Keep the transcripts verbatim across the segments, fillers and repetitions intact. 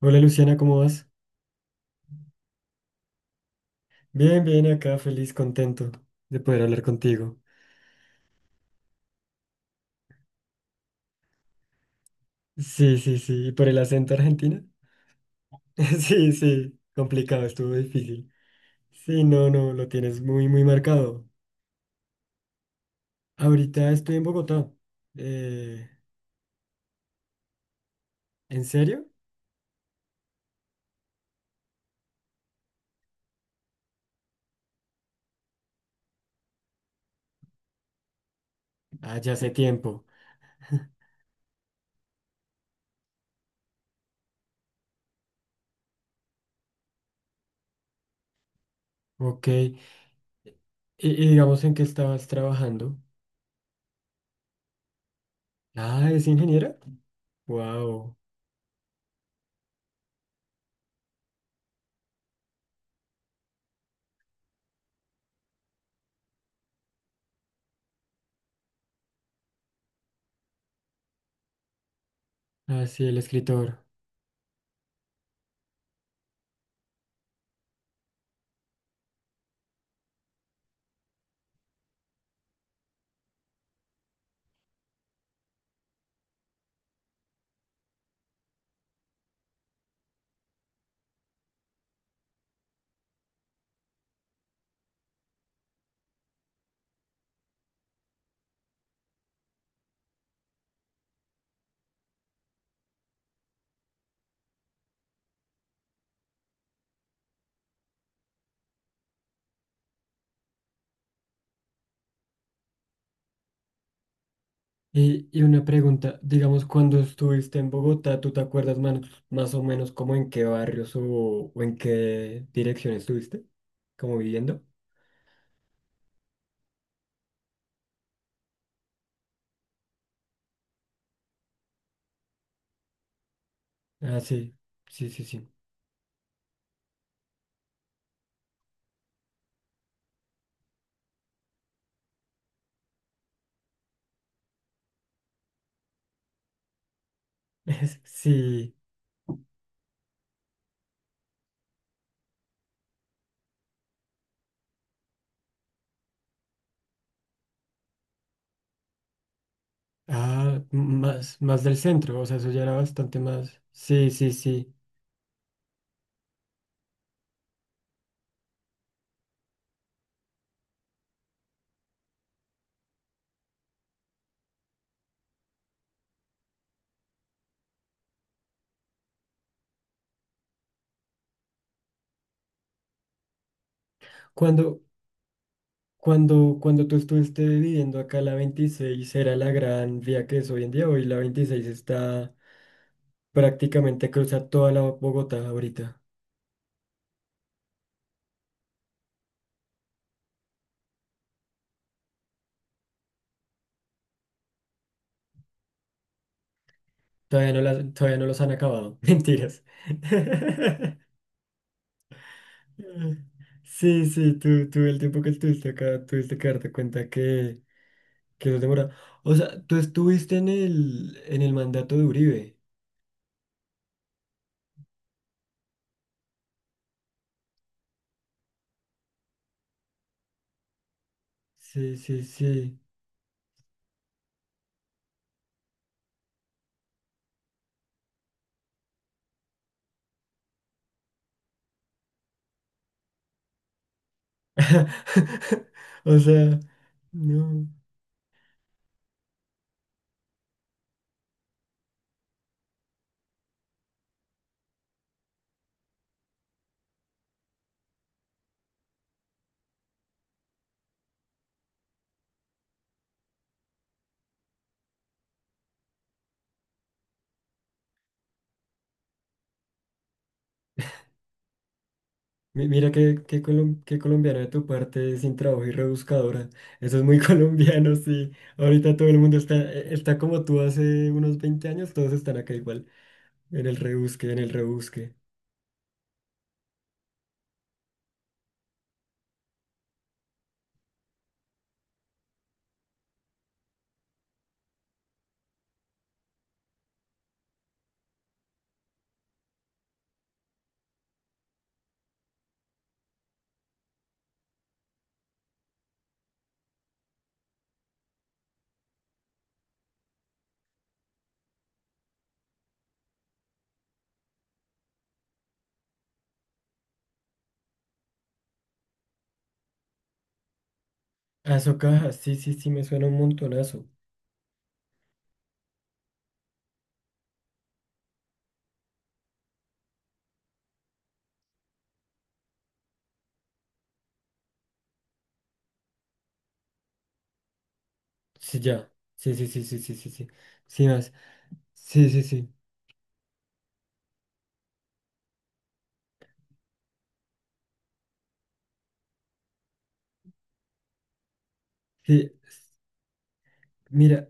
Hola, Luciana, ¿cómo vas? Bien, bien, acá feliz, contento de poder hablar contigo. Sí, sí, sí, ¿y por el acento argentino? Sí, sí, complicado, estuvo difícil. Sí, no, no, lo tienes muy, muy marcado. Ahorita estoy en Bogotá. Eh, ¿en serio? Ah, ya hace tiempo. Ok. ¿Y, y digamos en qué estabas trabajando? Ah, ¿es ingeniera? Wow. Ah, sí, el escritor. Y, y una pregunta, digamos, cuando estuviste en Bogotá, ¿tú te acuerdas más, más o menos como en qué barrios o, o en qué dirección estuviste? ¿Como viviendo? Ah, sí, sí, sí, sí. Sí, ah, más, más del centro, o sea, eso ya era bastante más. Sí, sí, sí. Cuando, cuando, cuando tú estuviste viviendo acá, la veintiséis era la gran vía que es hoy en día, hoy la veintiséis está prácticamente cruza toda la Bogotá ahorita. Todavía no las, todavía no los han acabado. Mentiras. Sí, sí, tú, tú el tiempo que estuviste acá, tuviste que darte cuenta que, que eso demora. O sea, tú estuviste en el, en el mandato de Uribe. Sí, sí, sí. O sea, no. Mi- Mira qué, qué, colom- qué colombiano de tu parte, sin trabajo y rebuscadora. Eso es muy colombiano, sí. Ahorita todo el mundo está, e, está como tú hace unos veinte años, todos están acá igual. En el rebusque, en el rebusque. Aso caja, sí, sí, sí, me suena un montonazo. Sí, ya. Sí, sí, sí, sí, sí, sí, sí. Sí, más. Sí, sí, sí. Sí, mira,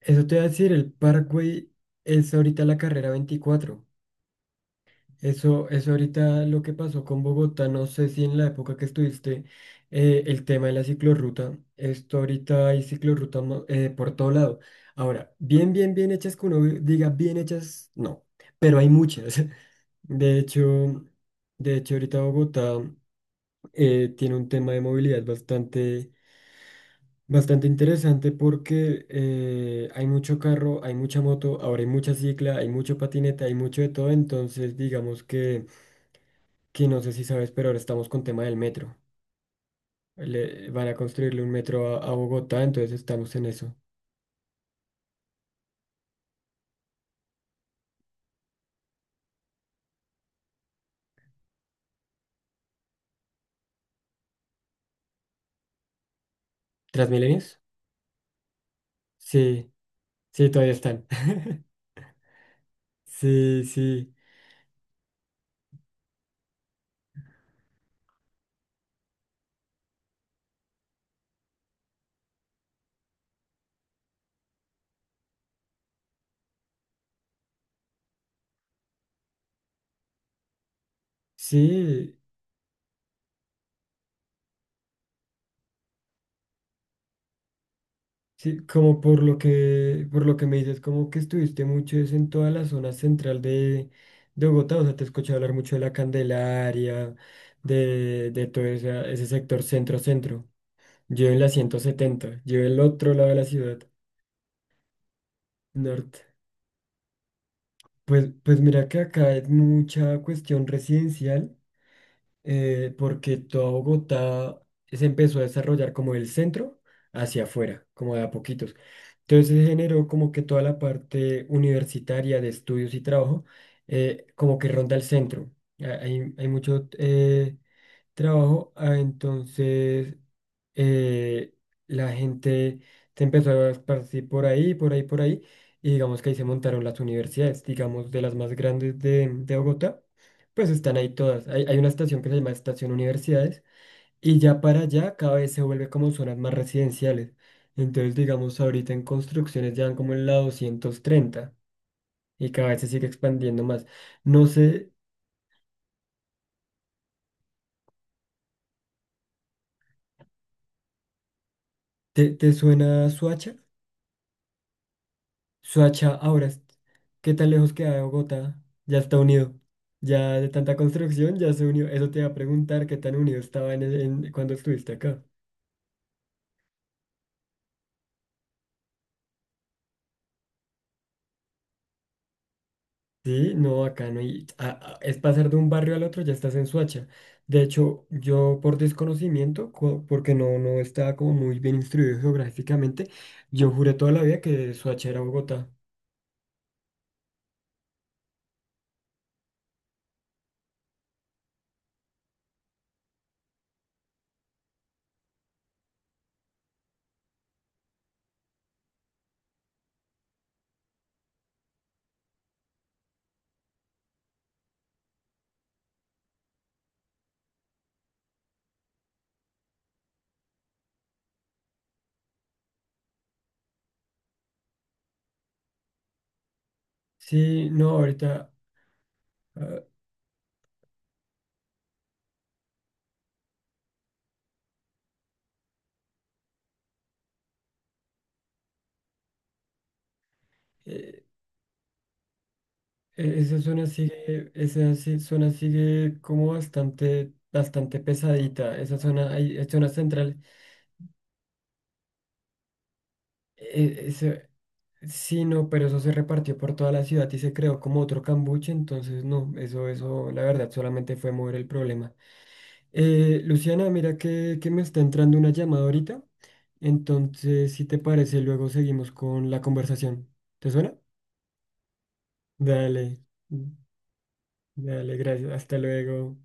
eso te voy a decir, el Parkway es ahorita la carrera veinticuatro. Eso, eso ahorita lo que pasó con Bogotá, no sé si en la época que estuviste, eh, el tema de la ciclorruta, esto ahorita hay ciclorruta mo- eh, por todo lado. Ahora, bien, bien, bien hechas que uno diga bien hechas, no, pero hay muchas. De hecho, de hecho ahorita Bogotá eh, tiene un tema de movilidad bastante, bastante interesante porque eh, hay mucho carro, hay mucha moto, ahora hay mucha cicla, hay mucho patineta, hay mucho de todo, entonces digamos que, que no sé si sabes, pero ahora estamos con tema del metro. Le, van a construirle un metro a, a Bogotá, entonces estamos en eso. ¿Transmilenios? Sí, sí, todavía están. Sí, sí, sí. Sí, como por lo que, por lo que me dices, como que estuviste mucho es en toda la zona central de, de Bogotá, o sea, te he escuchado hablar mucho de la Candelaria, de, de todo ese, ese sector centro-centro. Yo en la ciento setenta, yo el otro lado de la ciudad, norte. Pues, pues mira que acá es mucha cuestión residencial. Eh, porque toda Bogotá se empezó a desarrollar como el centro hacia afuera, como de a poquitos. Entonces se generó como que toda la parte universitaria de estudios y trabajo, eh, como que ronda el centro. Ah, Hay, hay mucho eh, trabajo, ah, entonces eh, la gente se empezó a esparcir por ahí, por ahí, por ahí, y digamos que ahí se montaron las universidades, digamos de las más grandes de, de Bogotá pues están ahí todas. Hay, hay una estación que se llama Estación Universidades y ya para allá cada vez se vuelve como zonas más residenciales. Entonces, digamos, ahorita en construcciones ya van como en la doscientos treinta y cada vez se sigue expandiendo más. No sé, ¿te, te suena Suacha? Suacha ahora, es- ¿qué tan lejos queda de Bogotá? Ya está unido. Ya de tanta construcción ya se unió. Eso te va a preguntar ¿qué tan unido estaba en, en- cuando estuviste acá? Sí, no, acá no. Y a- a- es pasar de un barrio al otro, ya estás en Suacha. De hecho, yo por desconocimiento, co- porque no, no estaba como muy bien instruido geográficamente, yo juré toda la vida que Suacha era Bogotá. Sí, no, ahorita ah, eh, eh, esa zona sigue, esa si- zona sigue como bastante, bastante pesadita. Esa zona, hay, es zona central e- ese- sí, no, pero eso se repartió por toda la ciudad y se creó como otro cambuche, entonces no, eso, eso, la verdad, solamente fue mover el problema. Eh, Luciana, mira que, que me está entrando una llamada ahorita, entonces si te parece, luego seguimos con la conversación. ¿Te suena? Dale, dale, gracias, hasta luego.